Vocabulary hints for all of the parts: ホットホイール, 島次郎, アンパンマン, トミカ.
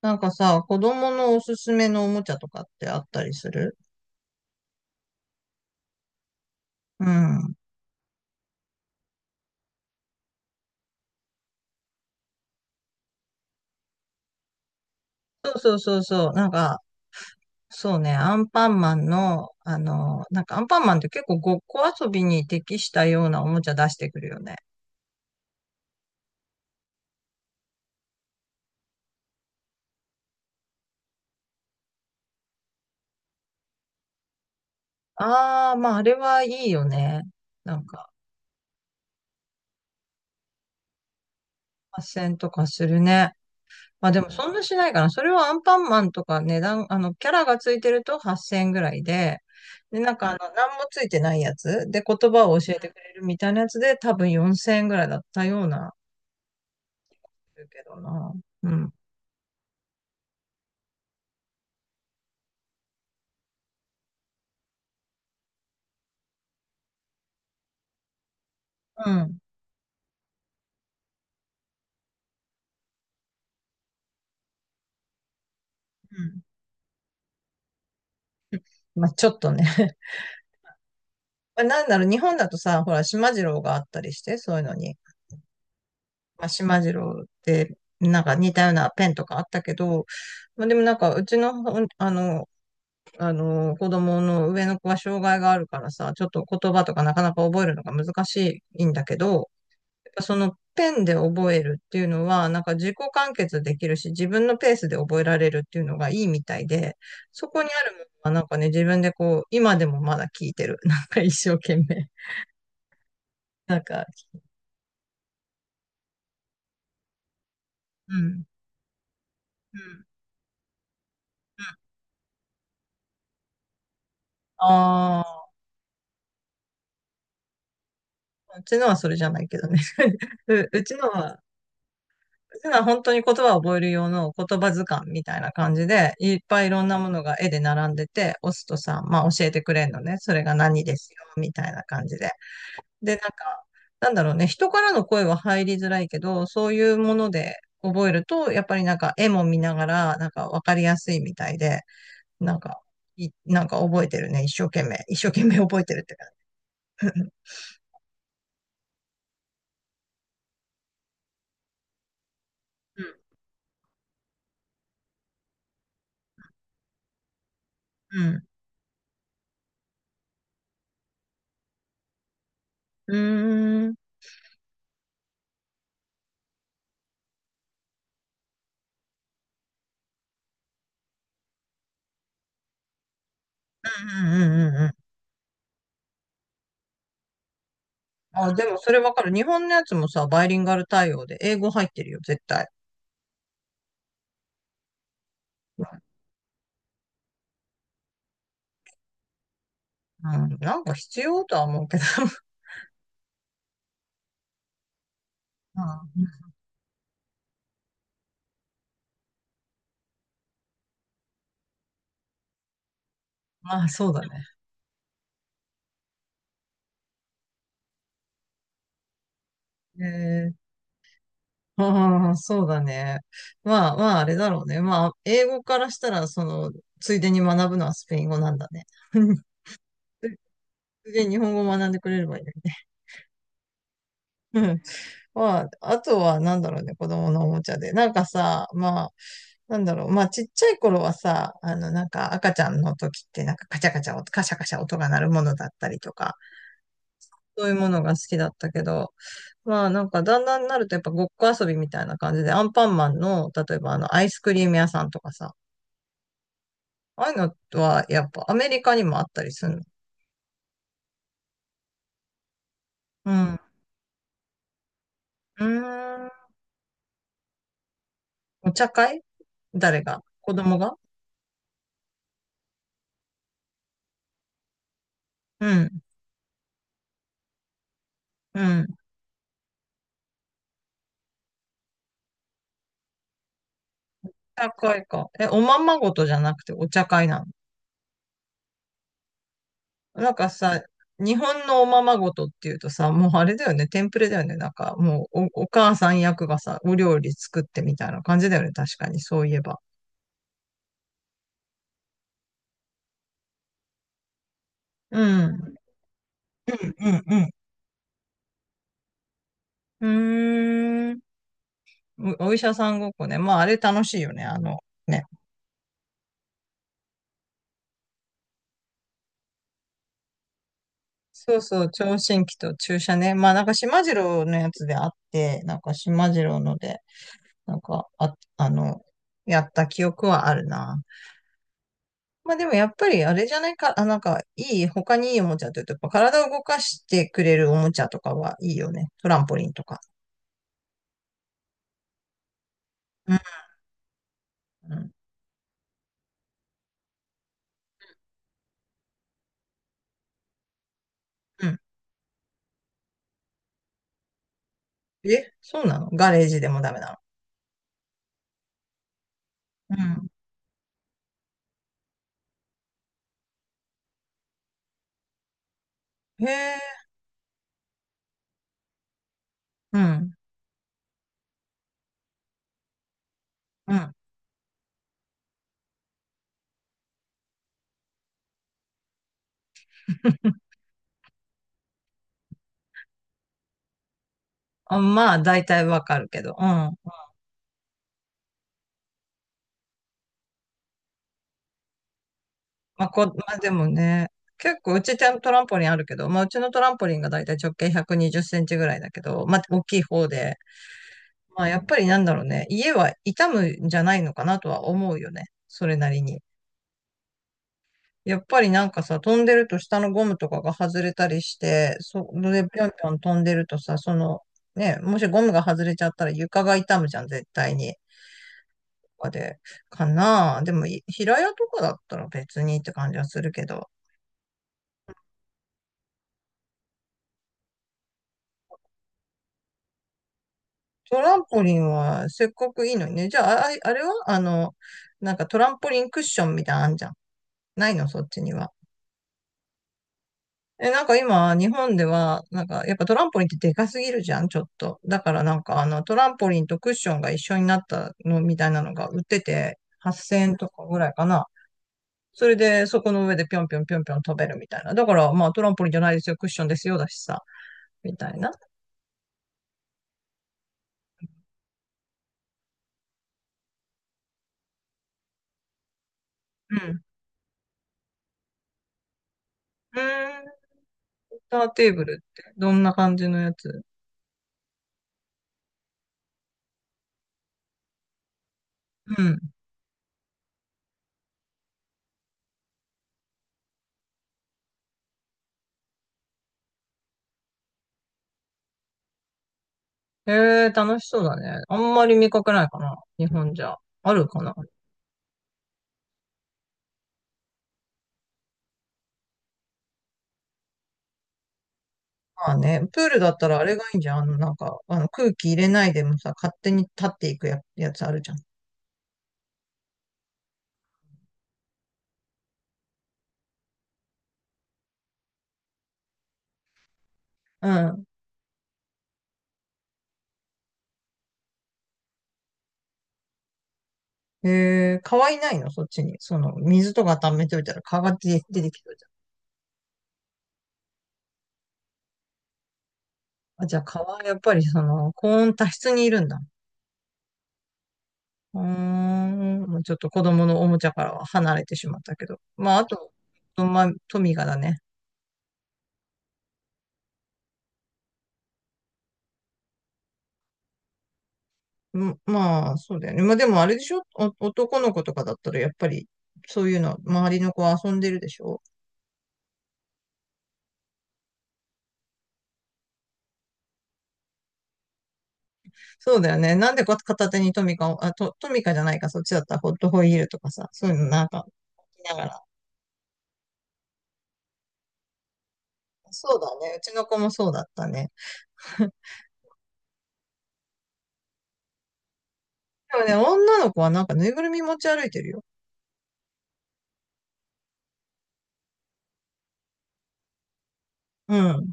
なんかさ、子供のおすすめのおもちゃとかってあったりする？うん。そうそうそうそう。なんか、そうね、アンパンマンの、なんかアンパンマンって結構ごっこ遊びに適したようなおもちゃ出してくるよね。ああ、まああれはいいよね。なんか、発線とかするね。まあでもそんなしないかな。それはアンパンマンとか値段、キャラがついてると8000円ぐらいで、なんか何もついてないやつで言葉を教えてくれるみたいなやつで多分4000円ぐらいだったような、るけどな。うん。うん。うん。まあちょっとね。まあなんだろう、日本だとさ、ほら、島次郎があったりして、そういうのに。まあ島次郎って、なんか似たようなペンとかあったけど、まあでもなんか、うちのほん、あの、あの、子供の上の子は障害があるからさ、ちょっと言葉とかなかなか覚えるのが難しいんだけど、やっぱそのペンで覚えるっていうのは、なんか自己完結できるし、自分のペースで覚えられるっていうのがいいみたいで、そこにあるものはなんかね、自分でこう、今でもまだ聞いてる。なんか一生懸命。なんか、うん、うん、うん。ああ、うちのはそれじゃないけどね。うちのは、ただ本当に言葉を覚える用の言葉図鑑みたいな感じで、いっぱいいろんなものが絵で並んでて、押すとさ、まあ教えてくれんのね。それが何ですよ、みたいな感じで。で、なんか、なんだろうね。人からの声は入りづらいけど、そういうもので覚えると、やっぱりなんか絵も見ながら、なんかわかりやすいみたいで、なんか、なんか覚えてるね。一生懸命。一生懸命覚えてるって感じ。うん。うん。うーん。うんうんうんうんうん。あ、でもそれわかる。日本のやつもさ、バイリンガル対応で英語入ってるよ、絶対。うん、なんか必要とは思うけど。うん。まあ、そうだね。えー。ああ、そうだね。まあまあ、あれだろうね。まあ、英語からしたら、その、ついでに学ぶのはスペイン語なんだね。ついでに日本語を学んでくれればいいのにね。まあ、あとは、なんだろうね、子供のおもちゃで。なんかさ、まあ、なんだろう、まあ、ちっちゃい頃はさ、なんか赤ちゃんの時って、なんかカチャカチャカシャカシャ音が鳴るものだったりとか、そういうものが好きだったけど、まあ、なんかだんだんになるとやっぱごっこ遊びみたいな感じで、アンパンマンの、例えばアイスクリーム屋さんとかさ、ああいうのは、やっぱアメリカにもあったりするの？うん。うーん。お茶会？誰が？子供が？うん。うん。高いか。え、おままごとじゃなくてお茶会なの？なんかさ、日本のおままごとっていうとさ、もうあれだよね、テンプレだよね。なんかもうお母さん役がさ、お料理作ってみたいな感じだよね。確かに、そういえば。うん。うんうんうん。うーん。お医者さんごっこね。まあ、あれ楽しいよね。ね。そうそう、聴診器と注射ね。まあ、なんか、島次郎のやつであって、なんか、島次郎ので、なんか、やった記憶はあるな。まあでもやっぱりあれじゃないか、あ、なんかいい、他にいいおもちゃって言うと、やっぱ体を動かしてくれるおもちゃとかはいいよね。トランポリンとか。うん。うん。うん。え、そうなの？ガレージでもダメなの？うん。へえ、うん。うん。あ、まあ大体わかるけど。うん。まあこ、まあでもね、結構うちトランポリンあるけど、まあうちのトランポリンが大体直径120センチぐらいだけど、まあ大きい方で、まあやっぱりなんだろうね、家は傷むんじゃないのかなとは思うよね。それなりに。やっぱりなんかさ、飛んでると下のゴムとかが外れたりして、それでぴょんぴょん飛んでるとさ、ね、もしゴムが外れちゃったら床が痛むじゃん、絶対に。とかで、かなあ。でも、平屋とかだったら別にって感じはするけど、トランポリンはせっかくいいのにね。じゃあ、あ、あれはなんかトランポリンクッションみたいなのあんじゃん。ないの、そっちには？え、なんか今、日本では、なんか、やっぱトランポリンってでかすぎるじゃん、ちょっと。だからなんか、トランポリンとクッションが一緒になったのみたいなのが売ってて、8000円とかぐらいかな。それで、そこの上でぴょんぴょんぴょんぴょん飛べるみたいな。だから、まあ、トランポリンじゃないですよ、クッションですよ、だしさ、みたいな。うん。うーん。センターテーブルって、どんな感じのやつ？うん。へえ、楽しそうだね。あんまり見かけないかな、日本じゃ。あるかな。まあね、プールだったらあれがいいんじゃん。なんか、空気入れないでもさ、勝手に立っていくやつあるじゃん。うん。川いないの、そっちに？水とか溜めておいたら川が出て出てきてるじゃん。あ、じゃあ川、やっぱり高温多湿にいるんだ。うーん、もうちょっと子供のおもちゃからは離れてしまったけど。まあ、あと、まあ、トミカだね。うん、まあ、そうだよね。まあでもあれでしょお、男の子とかだったらやっぱり、そういうの、周りの子は遊んでるでしょ？そうだよね。なんで片手にトミカを、あ、トミカじゃないか、そっちだったらホットホイールとかさ、そういうのなんか、聞きながら。そうだね。うちの子もそうだったね。でもね、女の子はなんかぬいぐるみ持ち歩いてるよ。うん。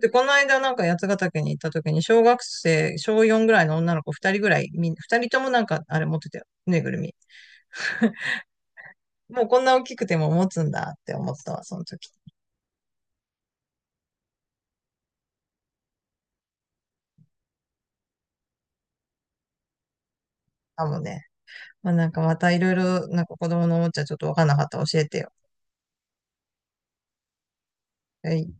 で、この間なんか八ヶ岳に行った時に、小学生、小4ぐらいの女の子2人ぐらい、2人ともなんかあれ持ってたよ。ぬいぐるみ。もうこんな大きくても持つんだって思ったわ、その時。あ、もうね。まあ、なんかまたいろいろ、なんか子供のおもちゃちょっとわかんなかったら教えてよ。はい。